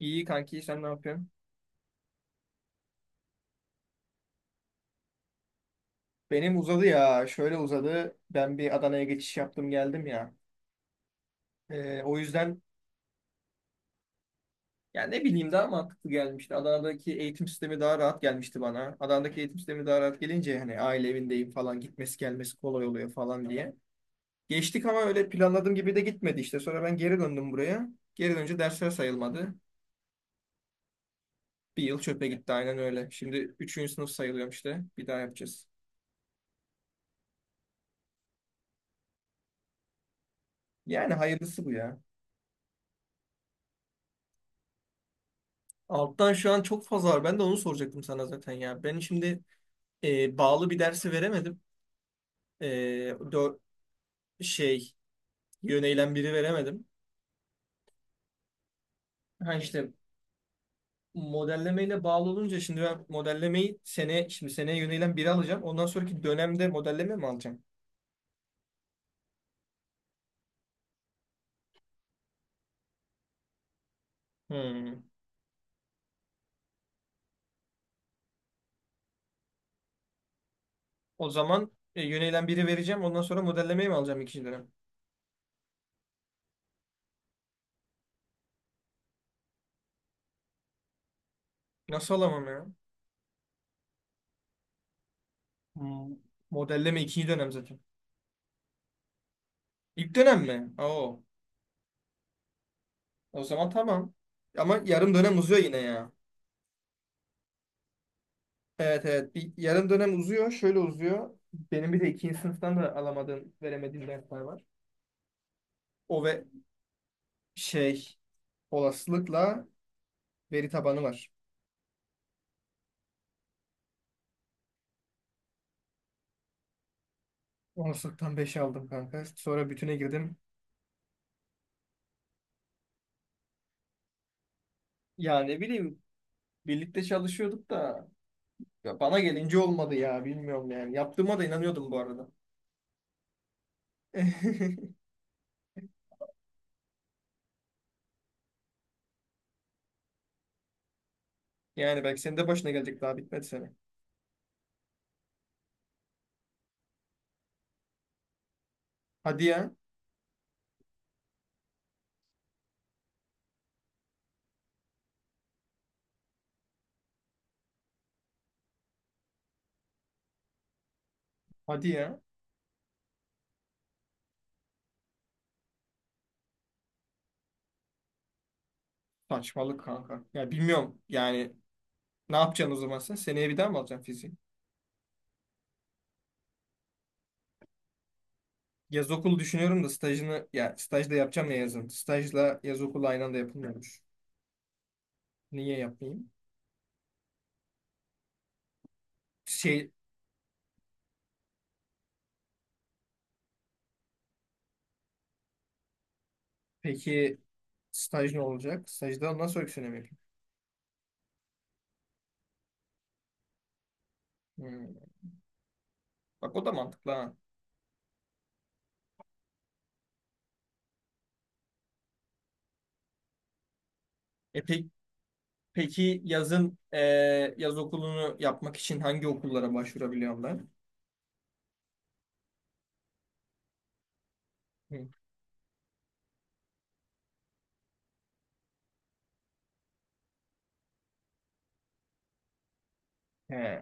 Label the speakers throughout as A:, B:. A: İyi kanki sen ne yapıyorsun? Benim uzadı ya. Şöyle uzadı. Ben bir Adana'ya geçiş yaptım geldim ya. O yüzden ya ne bileyim daha mantıklı gelmişti. Adana'daki eğitim sistemi daha rahat gelmişti bana. Adana'daki eğitim sistemi daha rahat gelince hani aile evindeyim falan gitmesi gelmesi kolay oluyor falan diye. Geçtik ama öyle planladığım gibi de gitmedi işte. Sonra ben geri döndüm buraya. Geri dönünce dersler sayılmadı. Bir yıl çöpe gitti aynen öyle. Şimdi üçüncü sınıf sayılıyorum işte. Bir daha yapacağız. Yani hayırlısı bu ya. Alttan şu an çok fazla var. Ben de onu soracaktım sana zaten ya. Ben şimdi bağlı bir dersi veremedim. E, dö- şey yöneylem biri veremedim. Ha işte modellemeyle bağlı olunca şimdi ben modellemeyi sene şimdi seneye yöneylem biri alacağım. Ondan sonraki dönemde modelleme mi alacağım? Hmm. O zaman yöneylem biri vereceğim. Ondan sonra modellemeyi mi alacağım ikinci dönem? Nasıl alamam ya? Hmm. Modelleme ikinci dönem zaten. İlk dönem mi? Oo. O zaman tamam. Ama yarım dönem uzuyor yine ya. Evet, evet. Bir yarım dönem uzuyor. Şöyle uzuyor. Benim bir de ikinci sınıftan da alamadığım, veremediğim dersler var. O ve şey olasılıkla veri tabanı var. Olasılıktan beş aldım kanka. Sonra bütüne girdim. Yani ne bileyim birlikte çalışıyorduk da ya bana gelince olmadı ya bilmiyorum yani. Yaptığıma da inanıyordum bu arada. Yani belki senin de başına gelecek daha bitmedi sene. Hadi ya. Hadi ya. Saçmalık kanka. Ya bilmiyorum yani ne yapacaksın o zaman sen? Seneye bir daha mı alacaksın fiziği? Yaz okulu düşünüyorum da stajını ya stajda yapacağım ya yazın. Stajla yaz okulu aynı anda yapılmıyormuş. Niye yapmayayım? Şey peki staj ne olacak? Stajda nasıl öykünemi yapayım? Hmm, bak o da mantıklı ha. E pe- peki yazın yaz okulunu yapmak için hangi okullara başvurabiliyorum ben? Hı. He.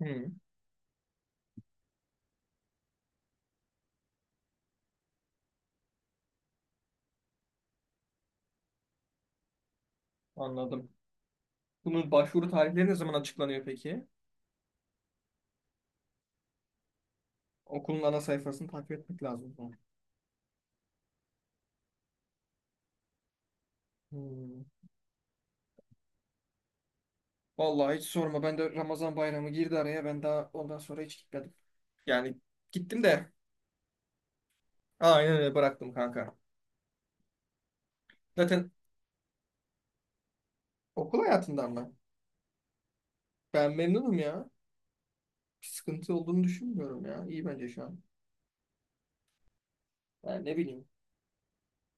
A: Hı, anladım. Bunun başvuru tarihleri ne zaman açıklanıyor peki? Okulun ana sayfasını takip etmek lazım o zaman. Hmm. Vallahi hiç sorma. Ben de Ramazan bayramı girdi araya. Ben daha ondan sonra hiç gitmedim. Yani gittim de aynen öyle bıraktım kanka. Zaten okul hayatından mı? Ben memnunum ya. Bir sıkıntı olduğunu düşünmüyorum ya. İyi bence şu an. Yani ne bileyim.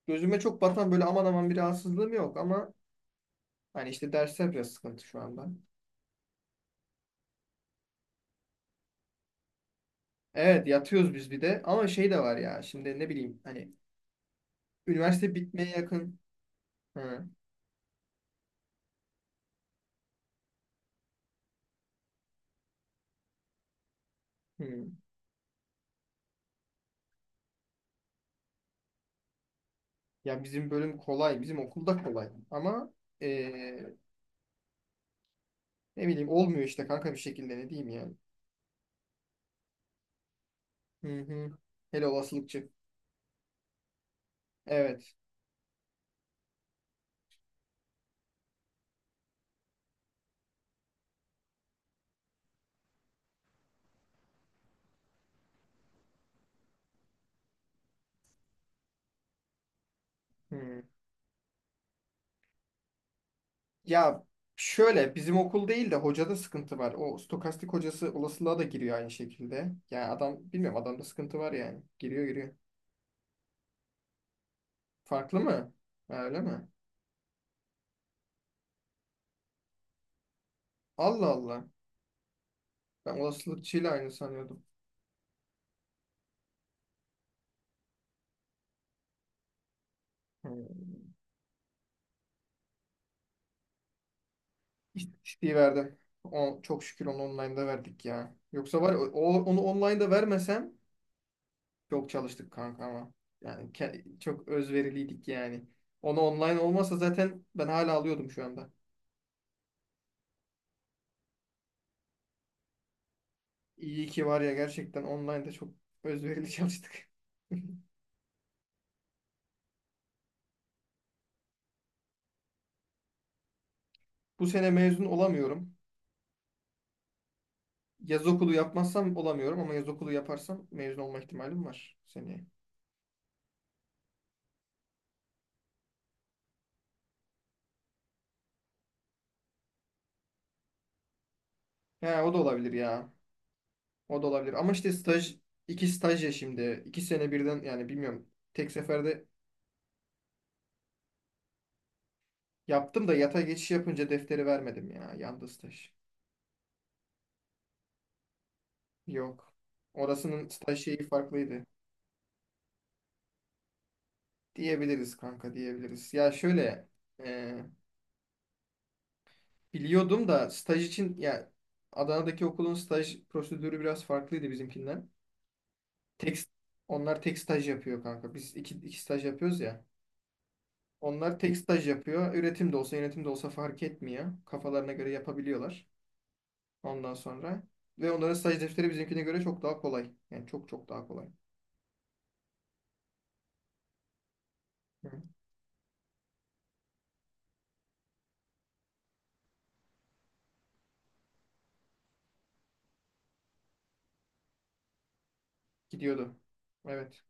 A: Gözüme çok batan böyle aman aman bir rahatsızlığım yok ama hani işte dersler biraz sıkıntı şu anda. Evet yatıyoruz biz bir de ama şey de var ya şimdi ne bileyim hani üniversite bitmeye yakın. Hı, hı. Ya bizim bölüm kolay. Bizim okulda kolay. Ama ee, Ne bileyim olmuyor işte kanka bir şekilde ne diyeyim yani. Hı hı. Hele olasılıkçı. Evet. Hı. Ya şöyle bizim okul değil de hocada sıkıntı var. O stokastik hocası olasılığa da giriyor aynı şekilde. Yani adam bilmiyorum adamda sıkıntı var yani. Giriyor. Farklı mı? Ha, öyle mi? Allah Allah. Ben olasılıkçıyla aynı sanıyordum. Hı. İstatistiği verdim. O, çok şükür onu online'da verdik ya. Yoksa var ya, o, onu online'da vermesem. Çok çalıştık kanka ama. Çok özveriliydik yani. Onu online olmasa zaten ben hala alıyordum şu anda. İyi ki var ya gerçekten online'da çok özverili çalıştık. Bu sene mezun olamıyorum. Yaz okulu yapmazsam olamıyorum ama yaz okulu yaparsam mezun olma ihtimalim var seneye. He o da olabilir ya. O da olabilir. Ama işte staj, iki staj ya şimdi. İki sene birden yani bilmiyorum. Tek seferde yaptım da yata geçiş yapınca defteri vermedim ya. Yandı staj. Yok. Orasının staj şeyi farklıydı. Diyebiliriz kanka diyebiliriz. Ya şöyle e, biliyordum da staj için ya Adana'daki okulun staj prosedürü biraz farklıydı bizimkinden. Tek, onlar tek staj yapıyor kanka. Biz iki staj yapıyoruz ya. Onlar tek staj yapıyor. Üretim de olsa yönetim de olsa fark etmiyor. Kafalarına göre yapabiliyorlar ondan sonra. Ve onların staj defteri bizimkine göre çok daha kolay. Yani çok daha kolay. Hı. Gidiyordu. Evet.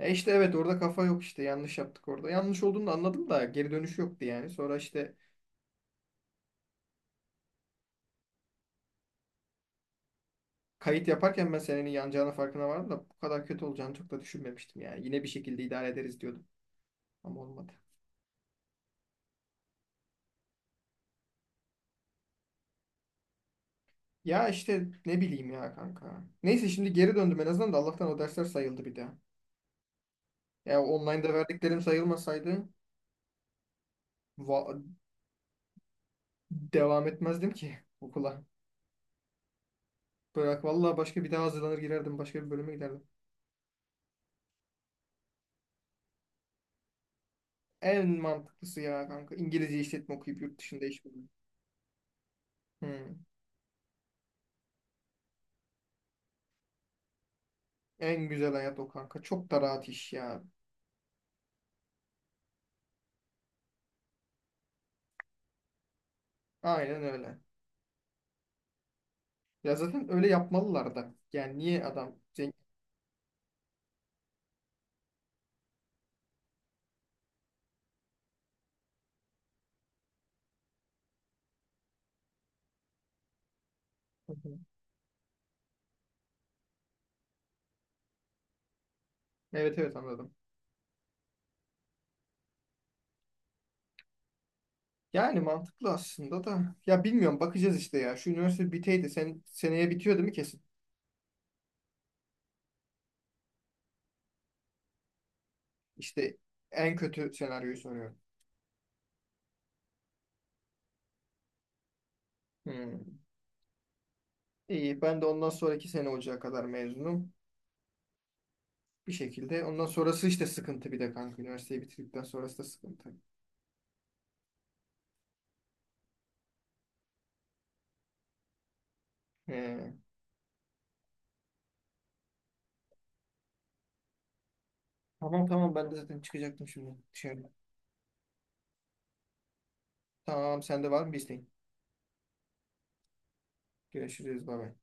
A: E işte evet orada kafa yok işte yanlış yaptık orada. Yanlış olduğunu da anladım da geri dönüş yoktu yani. Sonra işte kayıt yaparken ben senenin yanacağının farkına vardım da bu kadar kötü olacağını çok da düşünmemiştim yani. Yine bir şekilde idare ederiz diyordum ama olmadı. Ya işte ne bileyim ya kanka. Neyse şimdi geri döndüm en azından da Allah'tan o dersler sayıldı bir daha. Ya online'da verdiklerim sayılmasaydı va- devam etmezdim ki okula. Bırak vallahi başka bir daha hazırlanır girerdim başka bir bölüme giderdim. En mantıklısı ya kanka İngilizce işletme okuyup yurt dışında iş bulmak. Hmm. En güzel hayat o kanka. Çok da rahat iş ya. Aynen öyle. Ya zaten öyle yapmalılar da. Yani niye adam zengin? Hı hı. Evet, evet anladım. Yani mantıklı aslında da. Ya bilmiyorum bakacağız işte ya. Şu üniversite biteydi. Seneye bitiyor değil mi kesin? İşte en kötü senaryoyu soruyorum. Hmm. İyi ben de ondan sonraki sene olacağı kadar mezunum. Bir şekilde. Ondan sonrası işte sıkıntı bir de kanka. Üniversiteyi bitirdikten sonrası da sıkıntı. Ee, tamam tamam ben de zaten çıkacaktım şimdi dışarı. Tamam sende var mı bir isteğin? Görüşürüz. Bay bay.